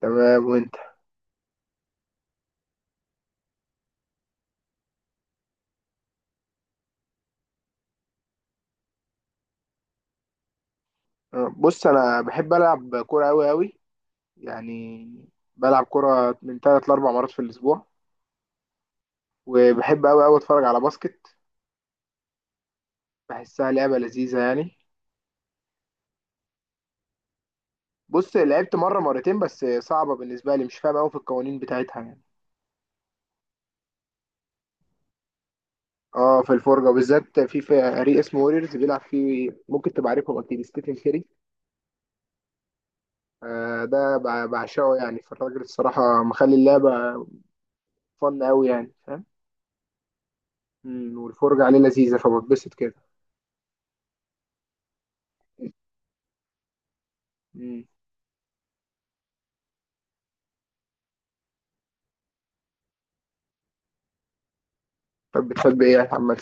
تمام، وانت؟ بص، انا بحب العب كوره قوي قوي يعني. بلعب كوره من ثلاث لاربع مرات في الاسبوع، وبحب قوي قوي اتفرج على باسكت. بحسها لعبه لذيذه يعني. بص، لعبت مره مرتين بس صعبه بالنسبه لي، مش فاهم قوي في القوانين بتاعتها يعني. اه، في الفرجه بالذات في فريق اسمه ووريرز بيلعب فيه، ممكن تبقى عارفهم اكيد، ستيفن كيري. آه، ده بعشقه يعني، فالراجل الصراحه مخلي اللعبه فن قوي يعني، فاهم. والفرجه عليه لذيذه فبتبسط كده. مم. طب بتحب ايه يا محمد؟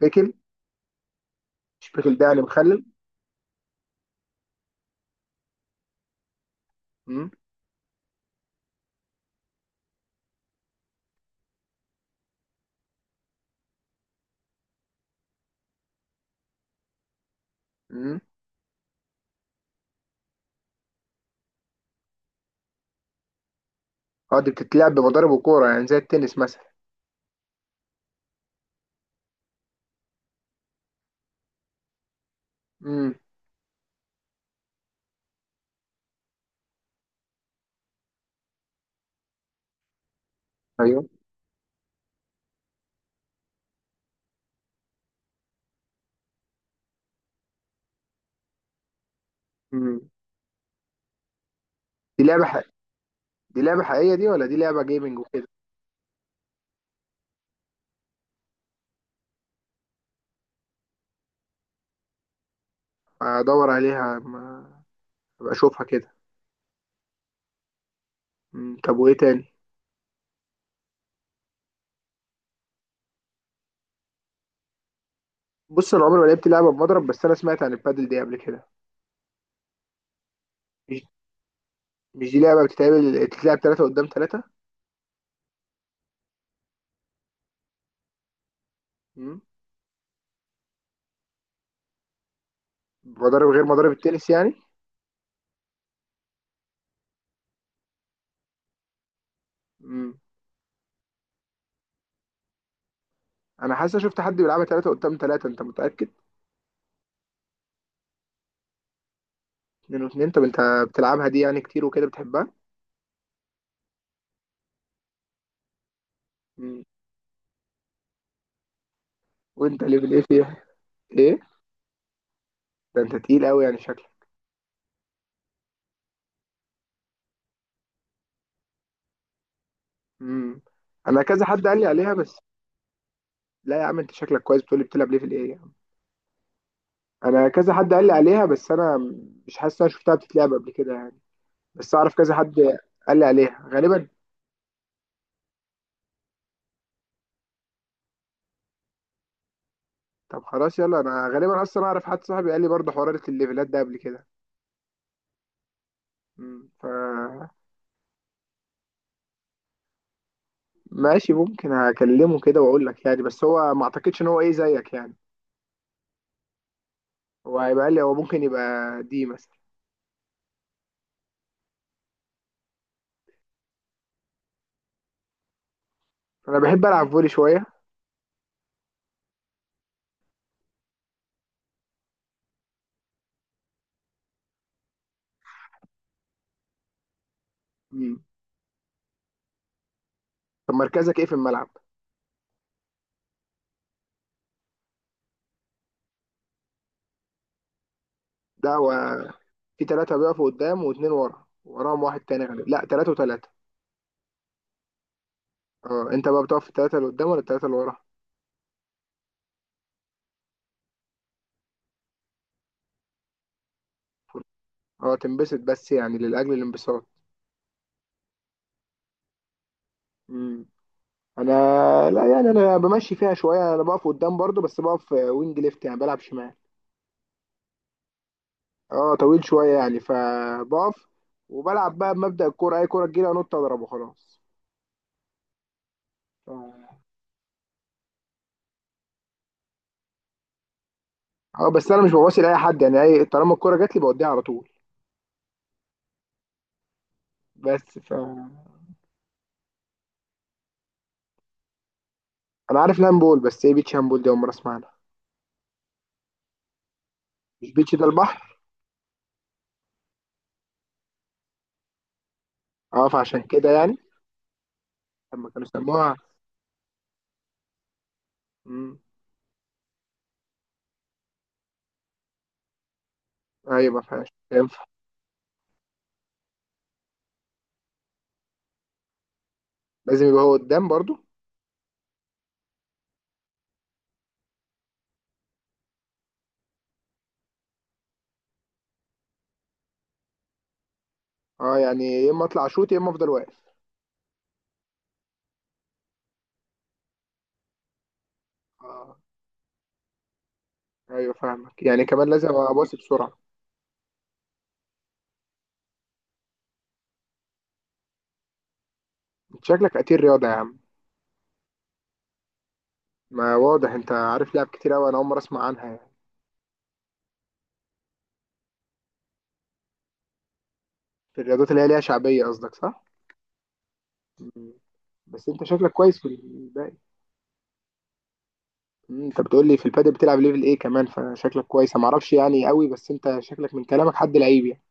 بيكل. مش بيكل ده يعني مخلل؟ امم. امم. اه، دي بتتلعب بمضارب وكوره يعني زي التنس مثلا؟ امم. ايوه. امم. دي لعبه حق... دي لعبه حقيقيه دي ولا دي لعبه جيمنج وكده؟ ادور عليها، ما ابقى اشوفها كده. طب وايه تاني؟ بص، انا عمري ما لعبت لعبه بمضرب، بس انا سمعت عن البادل دي قبل كده. مش مش دي لعبه بتتلعب 3 قدام 3؟ امم. مضارب غير مضارب التنس يعني؟ امم. انا حاسس شفت حد بيلعبها 3 قدام 3، انت متاكد؟ 2 و2. طب انت بتلعبها دي يعني كتير وكده بتحبها؟ مم. وانت ليفل ايه فيها؟ ايه ده، انت تقيل قوي يعني شكلك. امم. انا كذا حد قال لي عليها بس. لا يا عم، انت شكلك كويس، بتقولي بتلعب ليفل ايه يا عم. انا كذا حد قال لي عليها، بس انا مش حاسس إن انا شفتها بتتلعب قبل كده يعني، بس اعرف كذا حد قال لي عليها غالبا. طب خلاص يلا، انا غالبا اصلا اعرف حد صاحبي قال لي برضه حوار الليفلات ده قبل كده. ف ماشي، ممكن هكلمه كده واقول لك يعني، بس هو ما اعتقدش ان هو ايه زيك يعني. هو هيبقى قال لي هو ممكن يبقى دي مثلا. انا بحب العب فولي شويه. طب مركزك ايه في الملعب؟ ده هو في ثلاثه بيقفوا قدام واثنين ورا، وراهم واحد تاني غالبا، لا ثلاثه وثلاثه. اه، انت بقى بتقف في الثلاثه اللي قدام ولا الثلاثه اللي ورا؟ اه، تنبسط بس يعني لاجل الانبساط. امم. انا لا يعني، انا بمشي فيها شويه، انا بقف قدام برضو، بس بقف وينج ليفت يعني بلعب شمال. اه، طويل شويه يعني، فبقف وبلعب بقى بمبدأ الكوره، اي كوره تجيلي انط اضرب وخلاص. ف- اه، بس انا مش بباصي لاي حد يعني، اي طالما الكوره جات لي بوديها على طول. بس ف انا عارف لامبول، بس ايه بيتش هامبول دي؟ اول مره اسمع عنها. مش بيتش ده البحر؟ اه، فعشان كده يعني، لما كانوا سموها. امم. ايوه. ما فيهاش ينفع. لازم يبقى هو قدام برضو. اه، يعني يا اما اطلع اشوط يا اما افضل واقف. اه. ايوه فاهمك، يعني كمان لازم ابقى باصي بسرعه. انت شكلك قتيل رياضه يا عم. ما واضح، انت عارف لعب كتير قوي، انا اول مره اسمع عنها يعني. في الرياضات اللي هي ليها شعبيه قصدك، صح؟ مم. بس انت شكلك كويس في الباقي. انت بتقول لي في البادل بتلعب ليفل ايه كمان، فشكلك كويس، انا ما اعرفش يعني قوي، بس انت شكلك من كلامك حد لعيب يعني.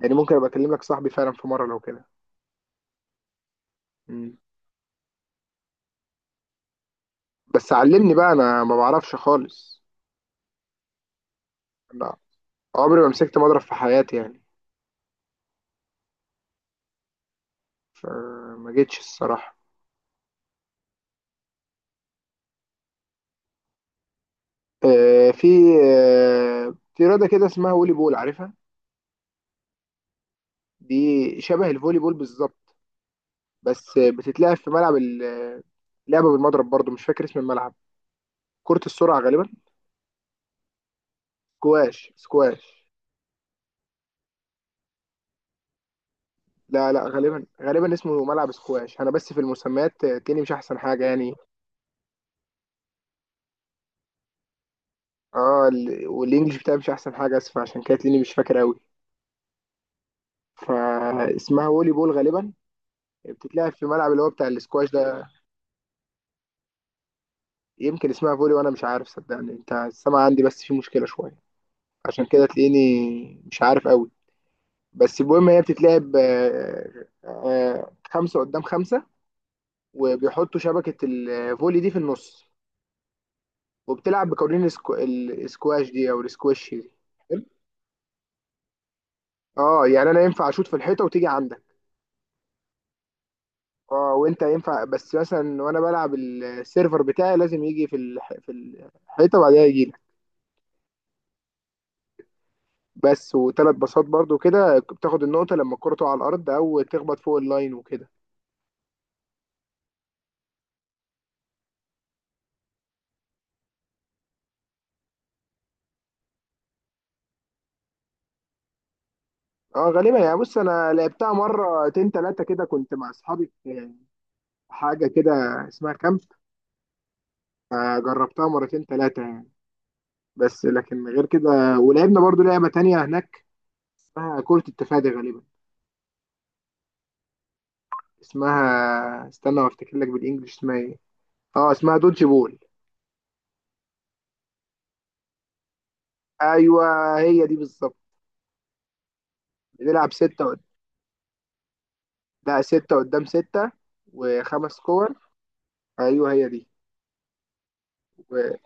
يعني ممكن ابقى اكلم لك صاحبي فعلا في مره لو كده. مم. بس علمني بقى، انا ما بعرفش خالص. لا، عمري ما مسكت مضرب في حياتي يعني، فما جيتش الصراحه. آه في في رياضه كده اسمها فولي بول، عارفها؟ دي شبه الفولي بول بالظبط، بس بتتلعب في ملعب لعبه بالمضرب برضو، مش فاكر اسم الملعب. كره السرعه غالبا. سكواش، سكواش. لا لا، غالبا غالبا اسمه ملعب سكواش، انا بس في المسميات تلاقيني مش احسن حاجه يعني. اه، والانجليش بتاعي مش احسن حاجه، اسف، عشان كده تلاقيني مش فاكر قوي. فاسمها فولي بول غالبا، بتتلعب في الملعب اللي هو بتاع الاسكواش ده. يمكن اسمها فولي وانا مش عارف، صدقني انت السمع عندي بس في مشكله شويه، عشان كده تلاقيني مش عارف قوي. بس المهم، هي بتتلعب 5 قدام 5، وبيحطوا شبكه الفولي دي في النص، وبتلعب بقوانين الاسكواش دي او الاسكواش دي. اه، يعني انا ينفع اشوط في الحيطه وتيجي عندك. اه، وانت ينفع بس مثلا، وانا بلعب السيرفر بتاعي لازم يجي في في الحيطه بعدها يجي لك. بس وثلاث باصات برضو كده بتاخد النقطه لما الكره تقع على الارض او تخبط فوق اللاين وكده. اه غالبا يعني، بص انا لعبتها مرتين ثلاثه كده، كنت مع اصحابي في حاجه كده اسمها كامب. جربتها مرتين ثلاثه يعني، بس لكن غير كده ولعبنا برضو لعبه تانية هناك اسمها كره التفادي غالبا، اسمها استنى وافتكر لك بالانجلش اسمها ايه. اه، اسمها دودج بول. ايوه هي دي بالظبط. بنلعب ستة قد... لا 6 قدام 6 وخمس كور. ايوه هي دي. و...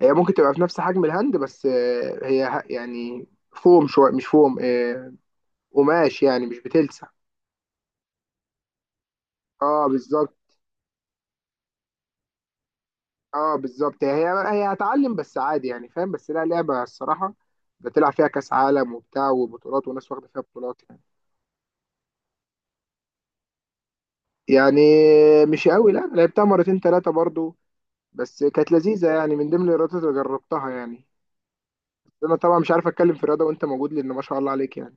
هي ممكن تبقى في نفس حجم الهاند، بس يعني فوم شوية، مش فوم، قماش يعني، مش بتلسع. اه بالظبط. اه بالظبط، هي هتعلم بس عادي يعني، فاهم، بس لا، لعبة الصراحة بتلعب فيها كأس عالم وبتاع وبطولات وناس واخدة فيها بطولات يعني. يعني مش قوي، لا لعبتها مرتين ثلاثة برضو، بس كانت لذيذة يعني، من ضمن الرياضات اللي جربتها يعني. انا طبعا مش عارف اتكلم في الرياضه وانت موجود، لان ما شاء الله عليك يعني.